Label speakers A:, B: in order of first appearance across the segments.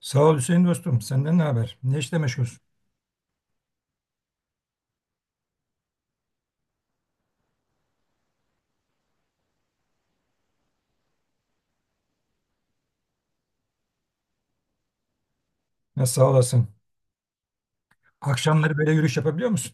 A: Sağ ol Hüseyin dostum. Senden ne haber? Ne işle meşgulsün? Nasıl sağ olasın? Akşamları böyle yürüyüş yapabiliyor musun?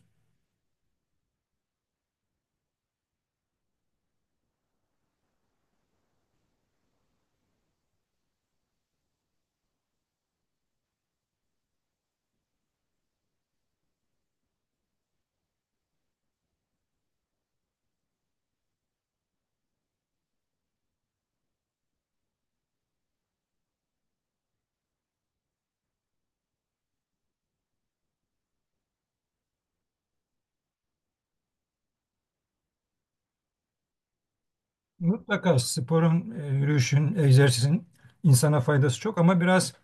A: Mutlaka sporun, yürüyüşün, egzersizin insana faydası çok ama biraz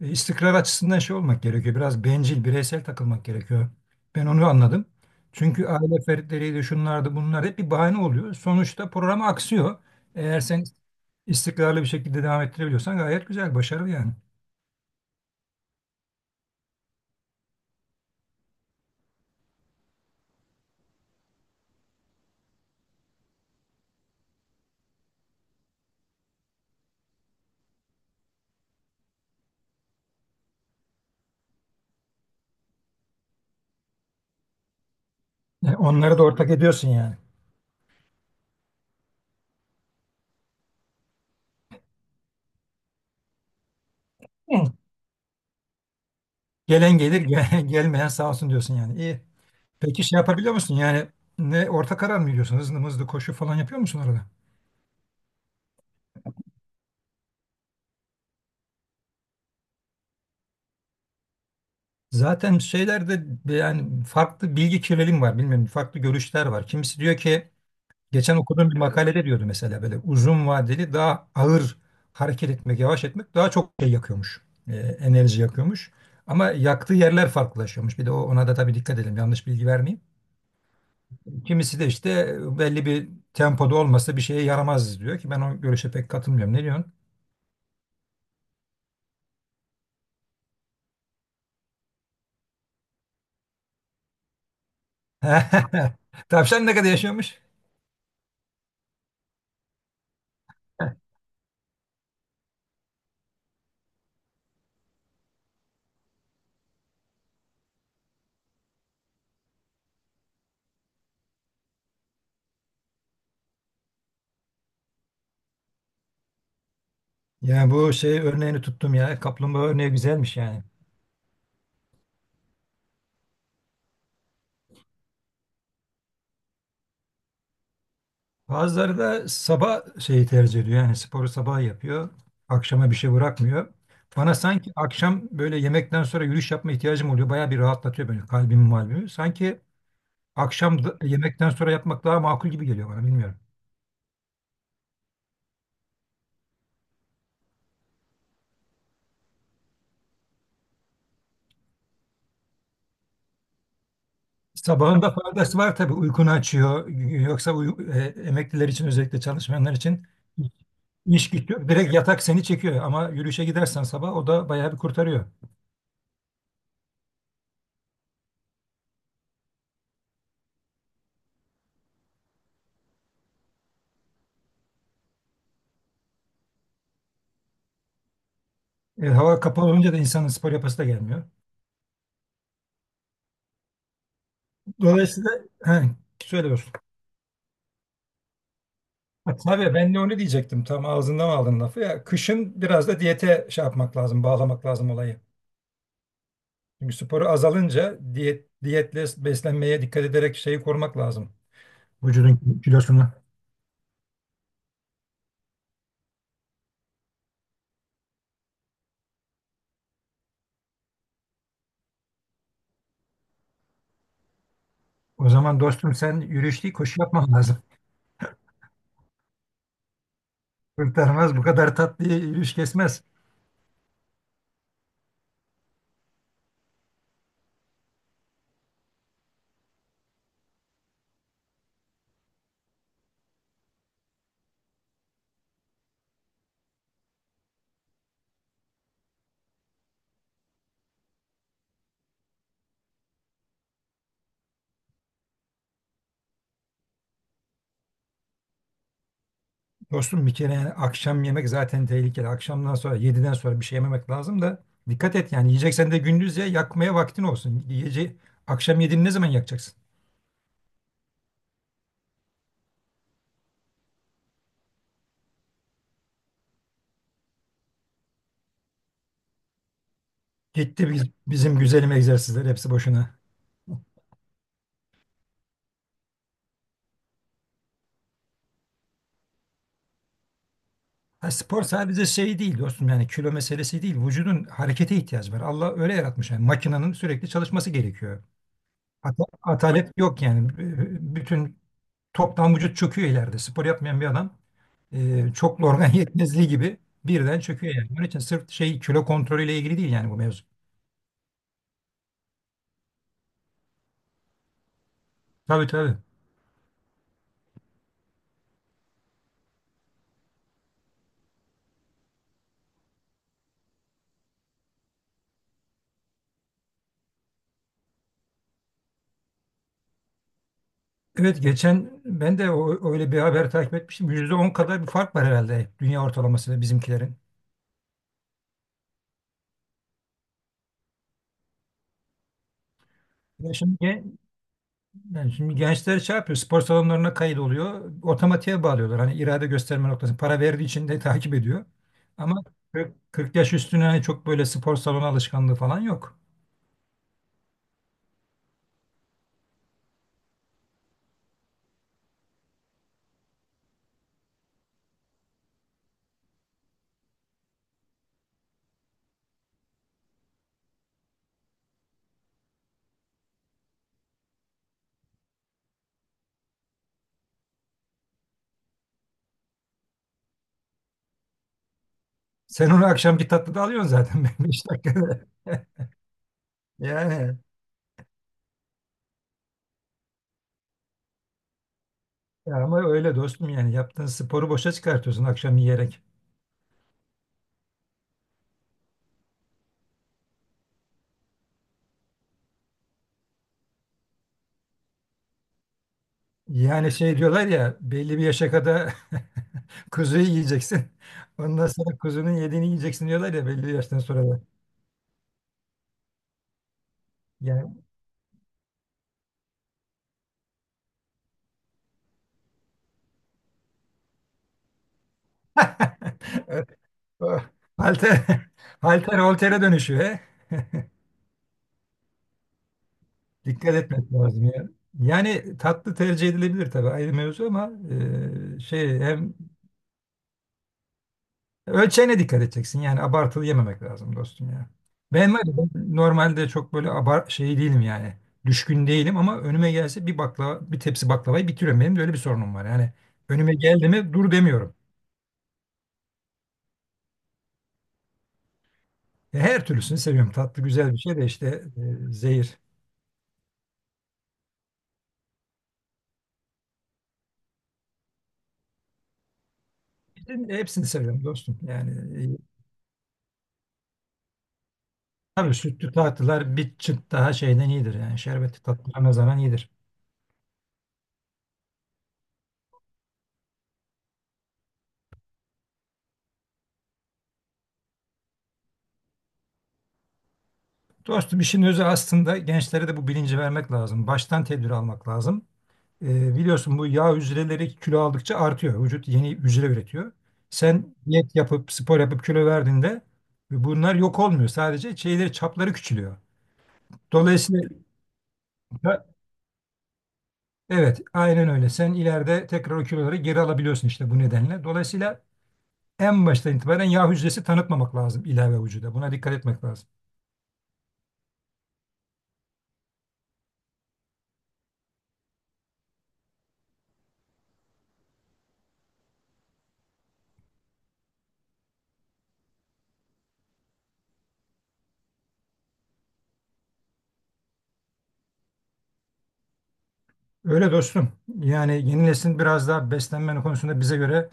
A: istikrar açısından şey olmak gerekiyor. Biraz bencil, bireysel takılmak gerekiyor. Ben onu anladım. Çünkü aile fertleriydi, şunlardı, bunlar hep bir bahane oluyor. Sonuçta program aksıyor. Eğer sen istikrarlı bir şekilde devam ettirebiliyorsan gayet güzel, başarılı yani. Onları da ortak ediyorsun yani. Gelen gelir, gelmeyen sağ olsun diyorsun yani. İyi. Peki şey yapabiliyor musun? Yani ne orta karar mı veriyorsun? Hızlı hızlı koşu falan yapıyor musun arada? Zaten şeylerde yani farklı bilgi kirliliği var. Bilmiyorum farklı görüşler var. Kimisi diyor ki geçen okuduğum bir makalede diyordu mesela böyle uzun vadeli daha ağır hareket etmek, yavaş etmek daha çok şey yakıyormuş. Enerji yakıyormuş. Ama yaktığı yerler farklılaşıyormuş. Bir de ona da tabii dikkat edelim. Yanlış bilgi vermeyeyim. Kimisi de işte belli bir tempoda olmasa bir şeye yaramaz diyor ki ben o görüşe pek katılmıyorum. Ne diyorsun? Tavşan ne kadar yaşıyormuş? Yani bu şey örneğini tuttum ya. Kaplumbağa örneği güzelmiş yani. Bazıları da sabah şeyi tercih ediyor. Yani sporu sabah yapıyor. Akşama bir şey bırakmıyor. Bana sanki akşam böyle yemekten sonra yürüyüş yapma ihtiyacım oluyor. Bayağı bir rahatlatıyor böyle kalbimi malbimi. Sanki yemekten sonra yapmak daha makul gibi geliyor bana bilmiyorum. Sabahında faydası var tabii uykunu açıyor. Yoksa emekliler için özellikle çalışmayanlar için iş gidiyor. Direkt yatak seni çekiyor ama yürüyüşe gidersen sabah o da bayağı bir kurtarıyor. Hava kapalı olunca da insanın spor yapası da gelmiyor. Dolayısıyla he, söylüyorsun. Ha, tabii ben de onu diyecektim. Tam ağzından aldın lafı ya. Kışın biraz da diyete şey yapmak lazım, bağlamak lazım olayı. Çünkü sporu azalınca diyetle beslenmeye dikkat ederek şeyi korumak lazım. Vücudun kilosunu. O zaman dostum sen yürüyüş değil koşu yapman lazım. Kurtarmaz bu kadar tatlı yürüyüş kesmez. Dostum bir kere yani akşam yemek zaten tehlikeli. Akşamdan sonra yediden sonra bir şey yememek lazım da dikkat et yani yiyeceksen de gündüz ye yakmaya vaktin olsun. Akşam yediğini ne zaman yakacaksın? Gitti bizim güzelim egzersizler hepsi boşuna. Ha, spor sadece şey değil dostum yani kilo meselesi değil. Vücudun harekete ihtiyacı var. Allah öyle yaratmış yani makinenin sürekli çalışması gerekiyor. Atalet yok yani. Bütün toptan vücut çöküyor ileride. Spor yapmayan bir adam çoklu organ yetmezliği gibi birden çöküyor yani. Onun için sırf şey kilo kontrolüyle ilgili değil yani bu mevzu. Tabii tabii. Evet geçen ben de öyle bir haber takip etmiştim. %10 kadar bir fark var herhalde dünya ortalamasıyla bizimkilerin. Ya şimdi, yani şimdi gençler şey yapıyor, spor salonlarına kayıt oluyor. Otomatiğe bağlıyorlar. Hani irade gösterme noktası, para verdiği için de takip ediyor. Ama 40 yaş üstüne hani çok böyle spor salonu alışkanlığı falan yok. Sen onu akşamki tatlıda alıyorsun zaten 5 dakikada. Yani ya ama öyle dostum yani yaptığın sporu boşa çıkartıyorsun akşam yiyerek. Yani şey diyorlar ya belli bir yaşa kadar kuzuyu yiyeceksin. Ondan sonra kuzunun yediğini yiyeceksin diyorlar ya belli bir yaştan sonra da. Yani evet, o halter, halter holtere dönüşüyor. He. Dikkat etmek lazım ya. Yani tatlı tercih edilebilir tabii ayrı mevzu ama şey hem ölçeğine dikkat edeceksin. Yani abartılı yememek lazım dostum ya. Ben var ya, ben normalde çok böyle abar şey değilim yani. Düşkün değilim ama önüme gelse bir baklava, bir tepsi baklavayı bitiriyorum. Benim de öyle bir sorunum var. Yani önüme geldi mi dur demiyorum. Her türlüsünü seviyorum. Tatlı güzel bir şey de işte zehir. Hepsini seviyorum dostum. Yani e, tabii sütlü tatlılar bir çıt daha şeyden iyidir. Yani şerbetli tatlılar ne zaman iyidir. Dostum işin özü aslında gençlere de bu bilinci vermek lazım. Baştan tedbir almak lazım. Biliyorsun bu yağ hücreleri kilo aldıkça artıyor. Vücut yeni hücre üretiyor. Sen diyet yapıp spor yapıp kilo verdiğinde bunlar yok olmuyor. Sadece şeyleri çapları küçülüyor. Dolayısıyla evet aynen öyle. Sen ileride tekrar o kiloları geri alabiliyorsun işte bu nedenle. Dolayısıyla en baştan itibaren yağ hücresi tanıtmamak lazım ilave vücuda. Buna dikkat etmek lazım. Öyle dostum. Yani yeni neslin biraz daha beslenme konusunda bize göre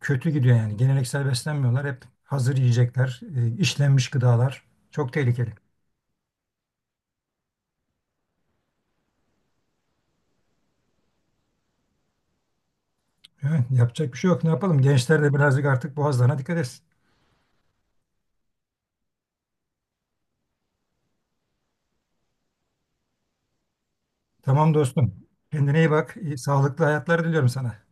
A: kötü gidiyor yani. Geleneksel beslenmiyorlar. Hep hazır yiyecekler, işlenmiş gıdalar. Çok tehlikeli. Evet, yapacak bir şey yok. Ne yapalım? Gençler de birazcık artık boğazlarına dikkat etsin. Tamam dostum. Kendine iyi bak. İyi, sağlıklı hayatlar diliyorum sana.